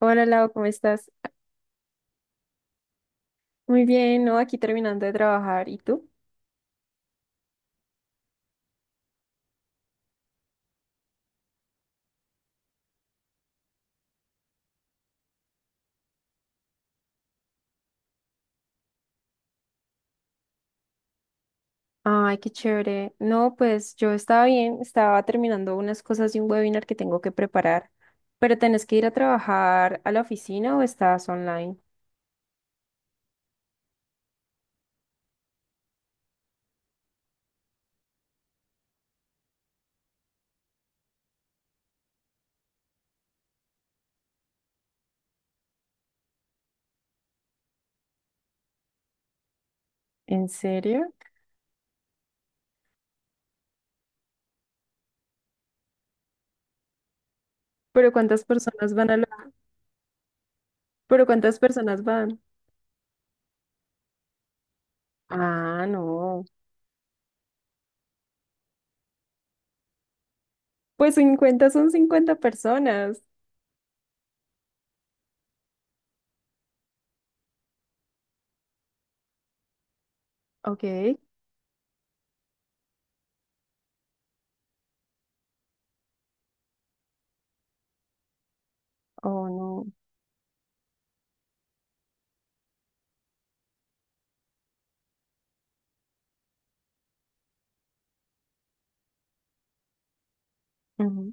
Hola Lau, ¿cómo estás? Muy bien, ¿no? Aquí terminando de trabajar. ¿Y tú? Ay, qué chévere. No, pues yo estaba bien, estaba terminando unas cosas de un webinar que tengo que preparar. ¿Pero tenés que ir a trabajar a la oficina o estás online? ¿En serio? ¿Pero cuántas personas van a la... ¿Pero cuántas personas van? Ah, no. Pues 50, son 50 personas. Ok. Oh, no. Ujú.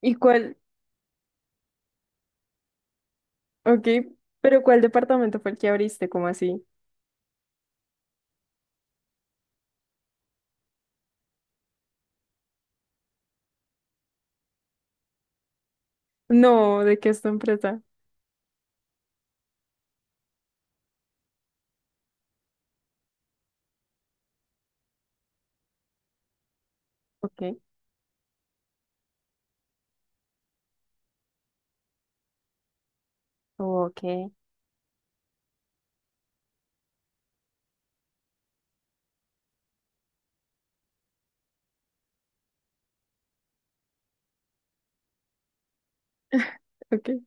¿Y cuál? Ok, pero ¿cuál departamento fue el que abriste? ¿Cómo así? No, ¿de qué es tu empresa? Ok, ok, ok.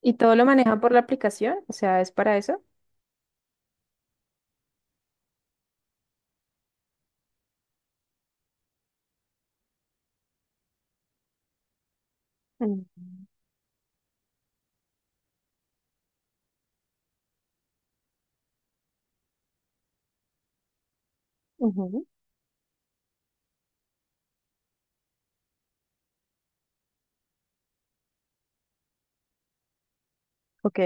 ¿Y todo lo manejan por la aplicación? O sea, ¿es para eso? Mm, ujú, ok.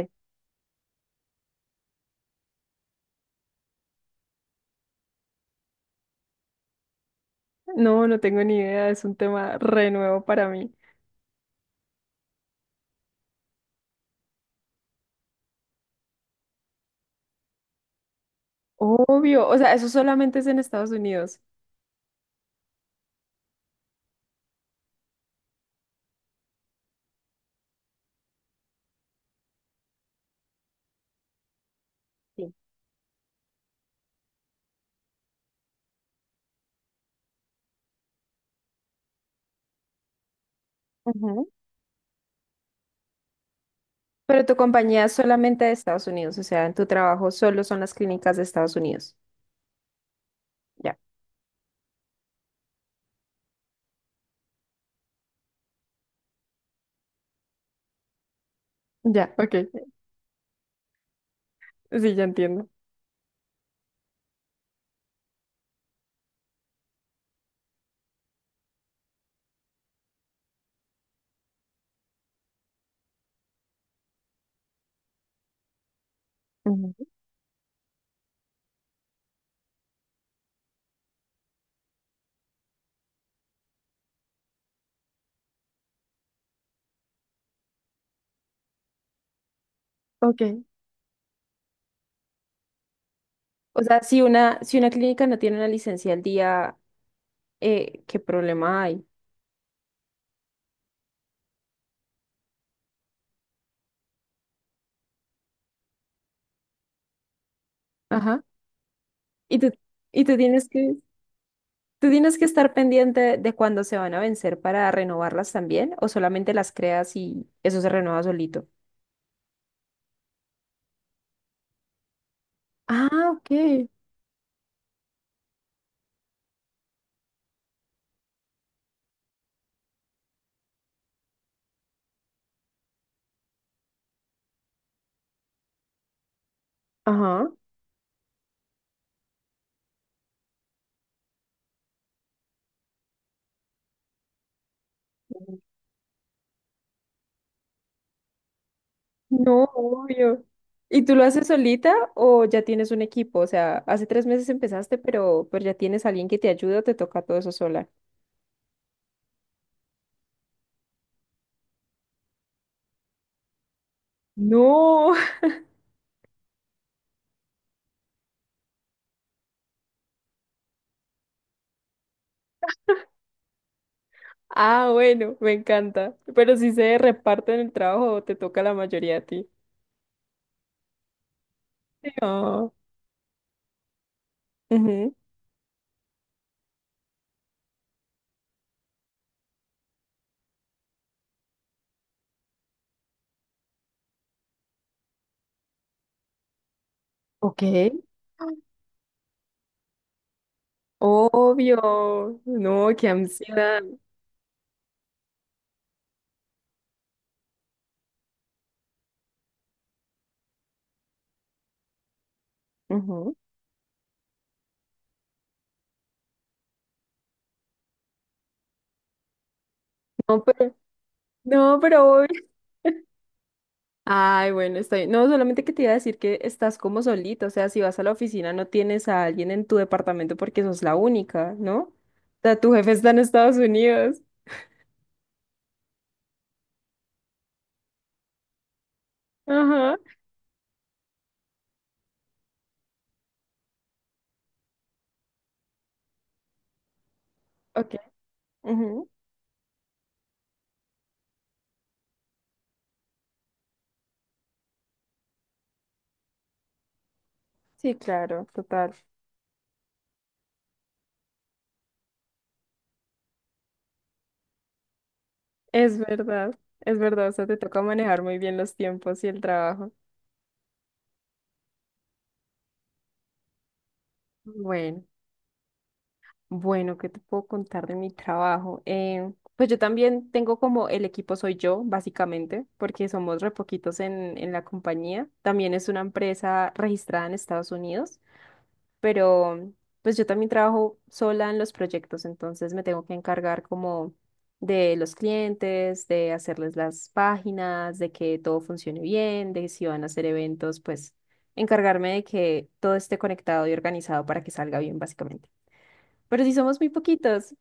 No, no tengo ni idea, es un tema re nuevo para mí. Obvio, o sea, eso solamente es en Estados Unidos. Sí. Ujú. Pero tu compañía es solamente de Estados Unidos, o sea, en tu trabajo solo son las clínicas de Estados Unidos. Ya. Ya, ok, sí, ya entiendo. Ujú, ok. O sea, si una clínica no tiene una licencia al día, ¿qué problema hay? Y tú, y tú tienes que estar pendiente de cuándo se van a vencer para renovarlas también, o solamente las creas y eso se renueva solito. Ah, ok. Ajá. No, obvio. ¿Y tú lo haces solita o ya tienes un equipo? O sea, hace 3 meses empezaste, pero ya tienes alguien que te ayuda o te toca todo eso sola. No. Ah, bueno, me encanta. Pero si se reparten el trabajo, o te toca la mayoría a ti. Ah. Ujú. Ok. Obvio, no, qué ansiedad. Ujú. No, pero, no, pero obvio. Ay, bueno, estoy. No, solamente que te iba a decir que estás como solita, o sea, si vas a la oficina no tienes a alguien en tu departamento porque sos la única, ¿no? O sea, tu jefe está en Estados Unidos. Ajá. Ok, ujú. Sí, claro, total. Es verdad, o sea, te toca manejar muy bien los tiempos y el trabajo. Bueno. Bueno, ¿qué te puedo contar de mi trabajo? Pues yo también tengo como el equipo soy yo, básicamente, porque somos re poquitos en la compañía. También es una empresa registrada en Estados Unidos, pero pues yo también trabajo sola en los proyectos, entonces me tengo que encargar como de los clientes, de hacerles las páginas, de que todo funcione bien, de si van a hacer eventos, pues encargarme de que todo esté conectado y organizado para que salga bien, básicamente. Pero si somos muy poquitos.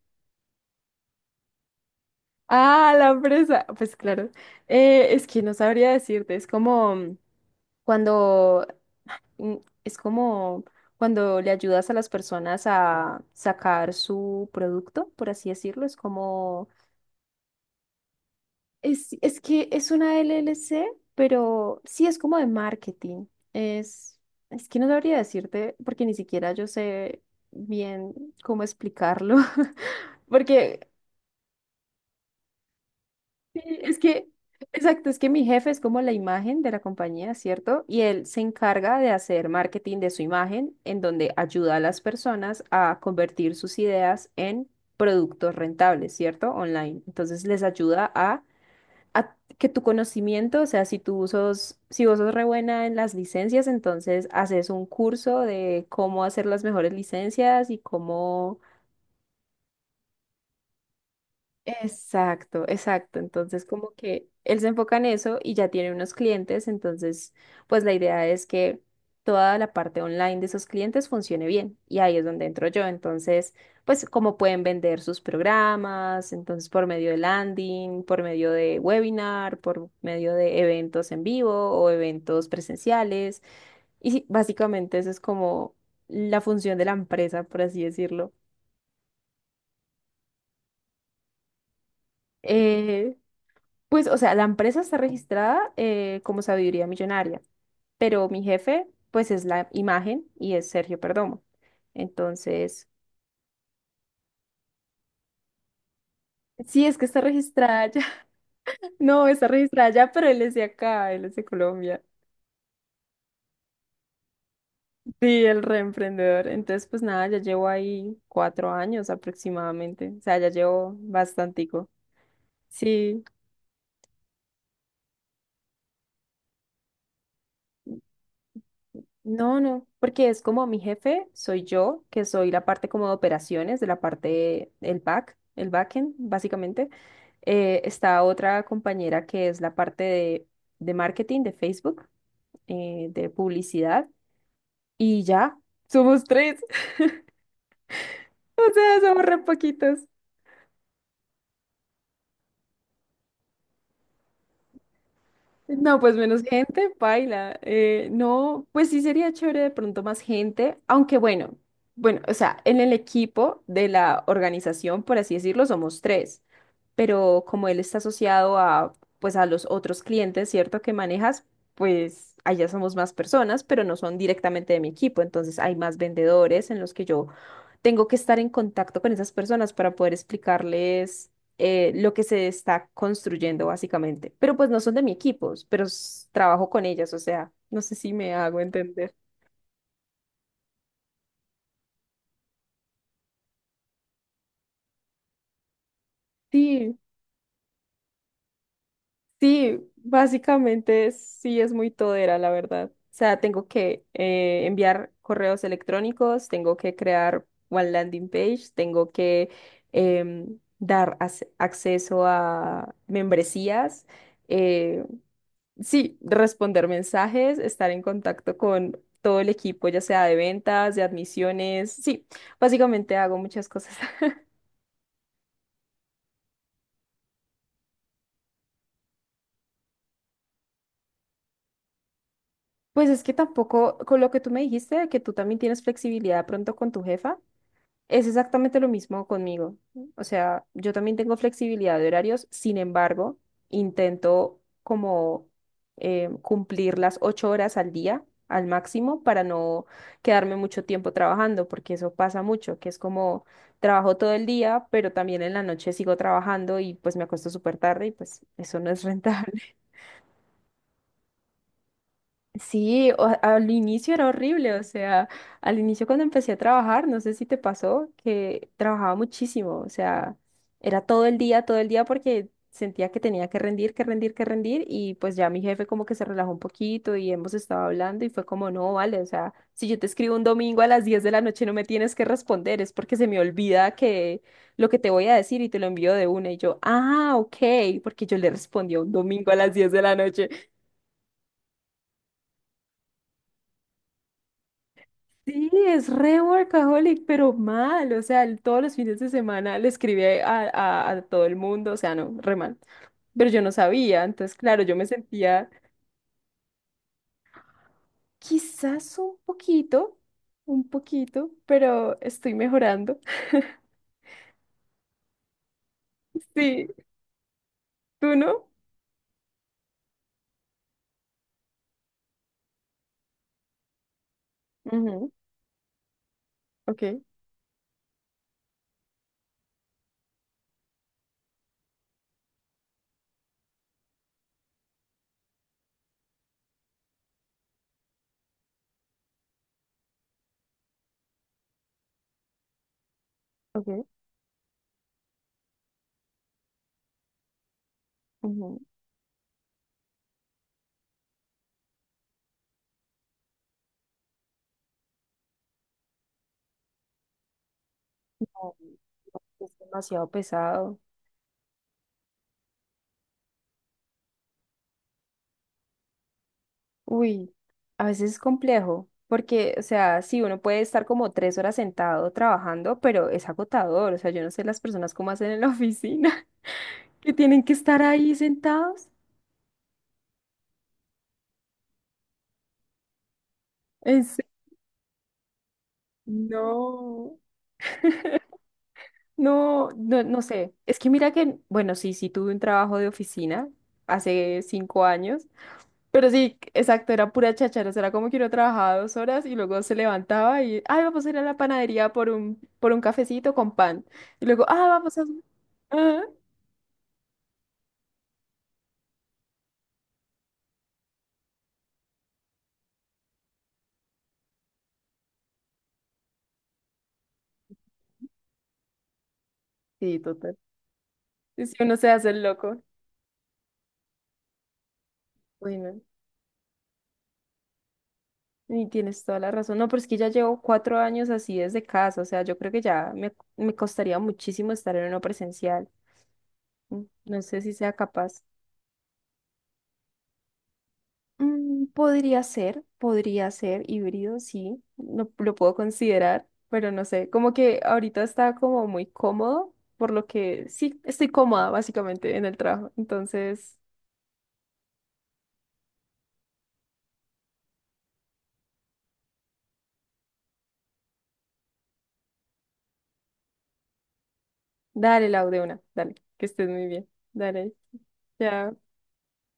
Ah, la presa. Pues claro. Es que no sabría decirte. Es como cuando mm, es como cuando le ayudas a las personas a sacar su producto, por así decirlo. Es que es una LLC, pero sí es como de marketing. Es, es que no sabría decirte porque ni siquiera yo sé bien cómo explicarlo. Porque sí, es que, exacto, es que mi jefe es como la imagen de la compañía, ¿cierto? Y él se encarga de hacer marketing de su imagen, en donde ayuda a las personas a convertir sus ideas en productos rentables, ¿cierto? Online. Entonces les ayuda a, que tu conocimiento, o sea, si tú sos, si vos sos re buena en las licencias, entonces haces un curso de cómo hacer las mejores licencias y cómo... Exacto, exacto. Entonces, como que él se enfoca en eso y ya tiene unos clientes, entonces, pues la idea es que toda la parte online de esos clientes funcione bien y ahí es donde entro yo. Entonces, pues cómo pueden vender sus programas, entonces por medio de landing, por medio de webinar, por medio de eventos en vivo o eventos presenciales. Y sí, básicamente eso es como la función de la empresa, por así decirlo. Eh, Pues, o sea, la empresa está registrada como Sabiduría Millonaria, pero mi jefe, pues, es la imagen y es Sergio Perdomo. Entonces, sí, es que está registrada ya. No, está registrada ya, pero él es de acá, él es de Colombia. Sí, el reemprendedor. Entonces, pues nada, ya llevo ahí 4 años aproximadamente. O sea, ya llevo bastantico. Sí. No, no, porque es como mi jefe, soy yo, que soy la parte como de operaciones, de la parte, el back, el backend, básicamente. Está otra compañera que es la parte de marketing de Facebook, de publicidad, y ya, somos tres. O sea, somos re poquitos. No, pues menos gente, paila. No, pues sí sería chévere de pronto más gente, aunque bueno, bueno, o sea, en el equipo de la organización, por así decirlo, somos tres, pero como él está asociado a, pues a los otros clientes, ¿cierto? Que manejas, pues allá somos más personas, pero no son directamente de mi equipo, entonces hay más vendedores en los que yo tengo que estar en contacto con esas personas para poder explicarles lo que se está construyendo básicamente. Pero pues no son de mi equipo, pero trabajo con ellas, o sea, no sé si me hago entender. Sí, sí, básicamente sí es muy todera, la verdad. O sea, tengo que enviar correos electrónicos, tengo que crear one landing page, tengo que dar acceso a membresías. eh, Sí, responder mensajes, estar en contacto con todo el equipo, ya sea de ventas, de admisiones. Sí, básicamente hago muchas cosas. Pues es que tampoco, con lo que tú me dijiste, de que tú también tienes flexibilidad pronto con tu jefa, es exactamente lo mismo conmigo. O sea, yo también tengo flexibilidad de horarios, sin embargo, intento como cumplir las 8 horas al día al máximo para no quedarme mucho tiempo trabajando, porque eso pasa mucho, que es como trabajo todo el día, pero también en la noche sigo trabajando y pues me acuesto súper tarde y pues eso no es rentable. Sí, o- al inicio era horrible, o sea, al inicio cuando empecé a trabajar, no sé si te pasó, que trabajaba muchísimo, o sea, era todo el día porque sentía que tenía que rendir, que rendir, que rendir y pues ya mi jefe como que se relajó un poquito y hemos estado hablando y fue como, no, vale, o sea, si yo te escribo un domingo a las 10 de la noche no me tienes que responder, es porque se me olvida que lo que te voy a decir y te lo envío de una y yo, ah, ok, porque yo le respondí un domingo a las 10 de la noche. Sí, es re workaholic, pero mal, o sea, el- todos los fines de semana le escribía a, a todo el mundo, o sea, no, re mal, pero yo no sabía, entonces, claro, yo me sentía quizás un poquito, pero estoy mejorando. Sí, ¿tú no? Ujú, ok, ok, ujú. Ay, es demasiado pesado. Uy, a veces es complejo, porque, o sea, sí, uno puede estar como 3 horas sentado trabajando, pero es agotador. O sea, yo no sé las personas cómo hacen en la oficina, que tienen que estar ahí sentados. En se- No, no, no, no sé. Es que mira que, bueno, sí, sí tuve un trabajo de oficina hace 5 años. Pero sí, exacto, era pura cháchara, o sea, era como que uno trabajaba 2 horas y luego se levantaba y, ay, vamos a ir a la panadería por un cafecito con pan. Y luego, ah, vamos a... Ajá. Sí, total. Y si uno se hace el loco, bueno, y tienes toda la razón. No, pero es que ya llevo 4 años así desde casa, o sea, yo creo que ya me costaría muchísimo estar en uno presencial. Mm, no sé si sea capaz. Mm, podría ser híbrido, sí, lo puedo considerar, pero no sé, como que ahorita está como muy cómodo, por lo que sí, estoy cómoda básicamente en el trabajo. Entonces, dale, Lau, de una, dale, que estés muy bien, dale, chao.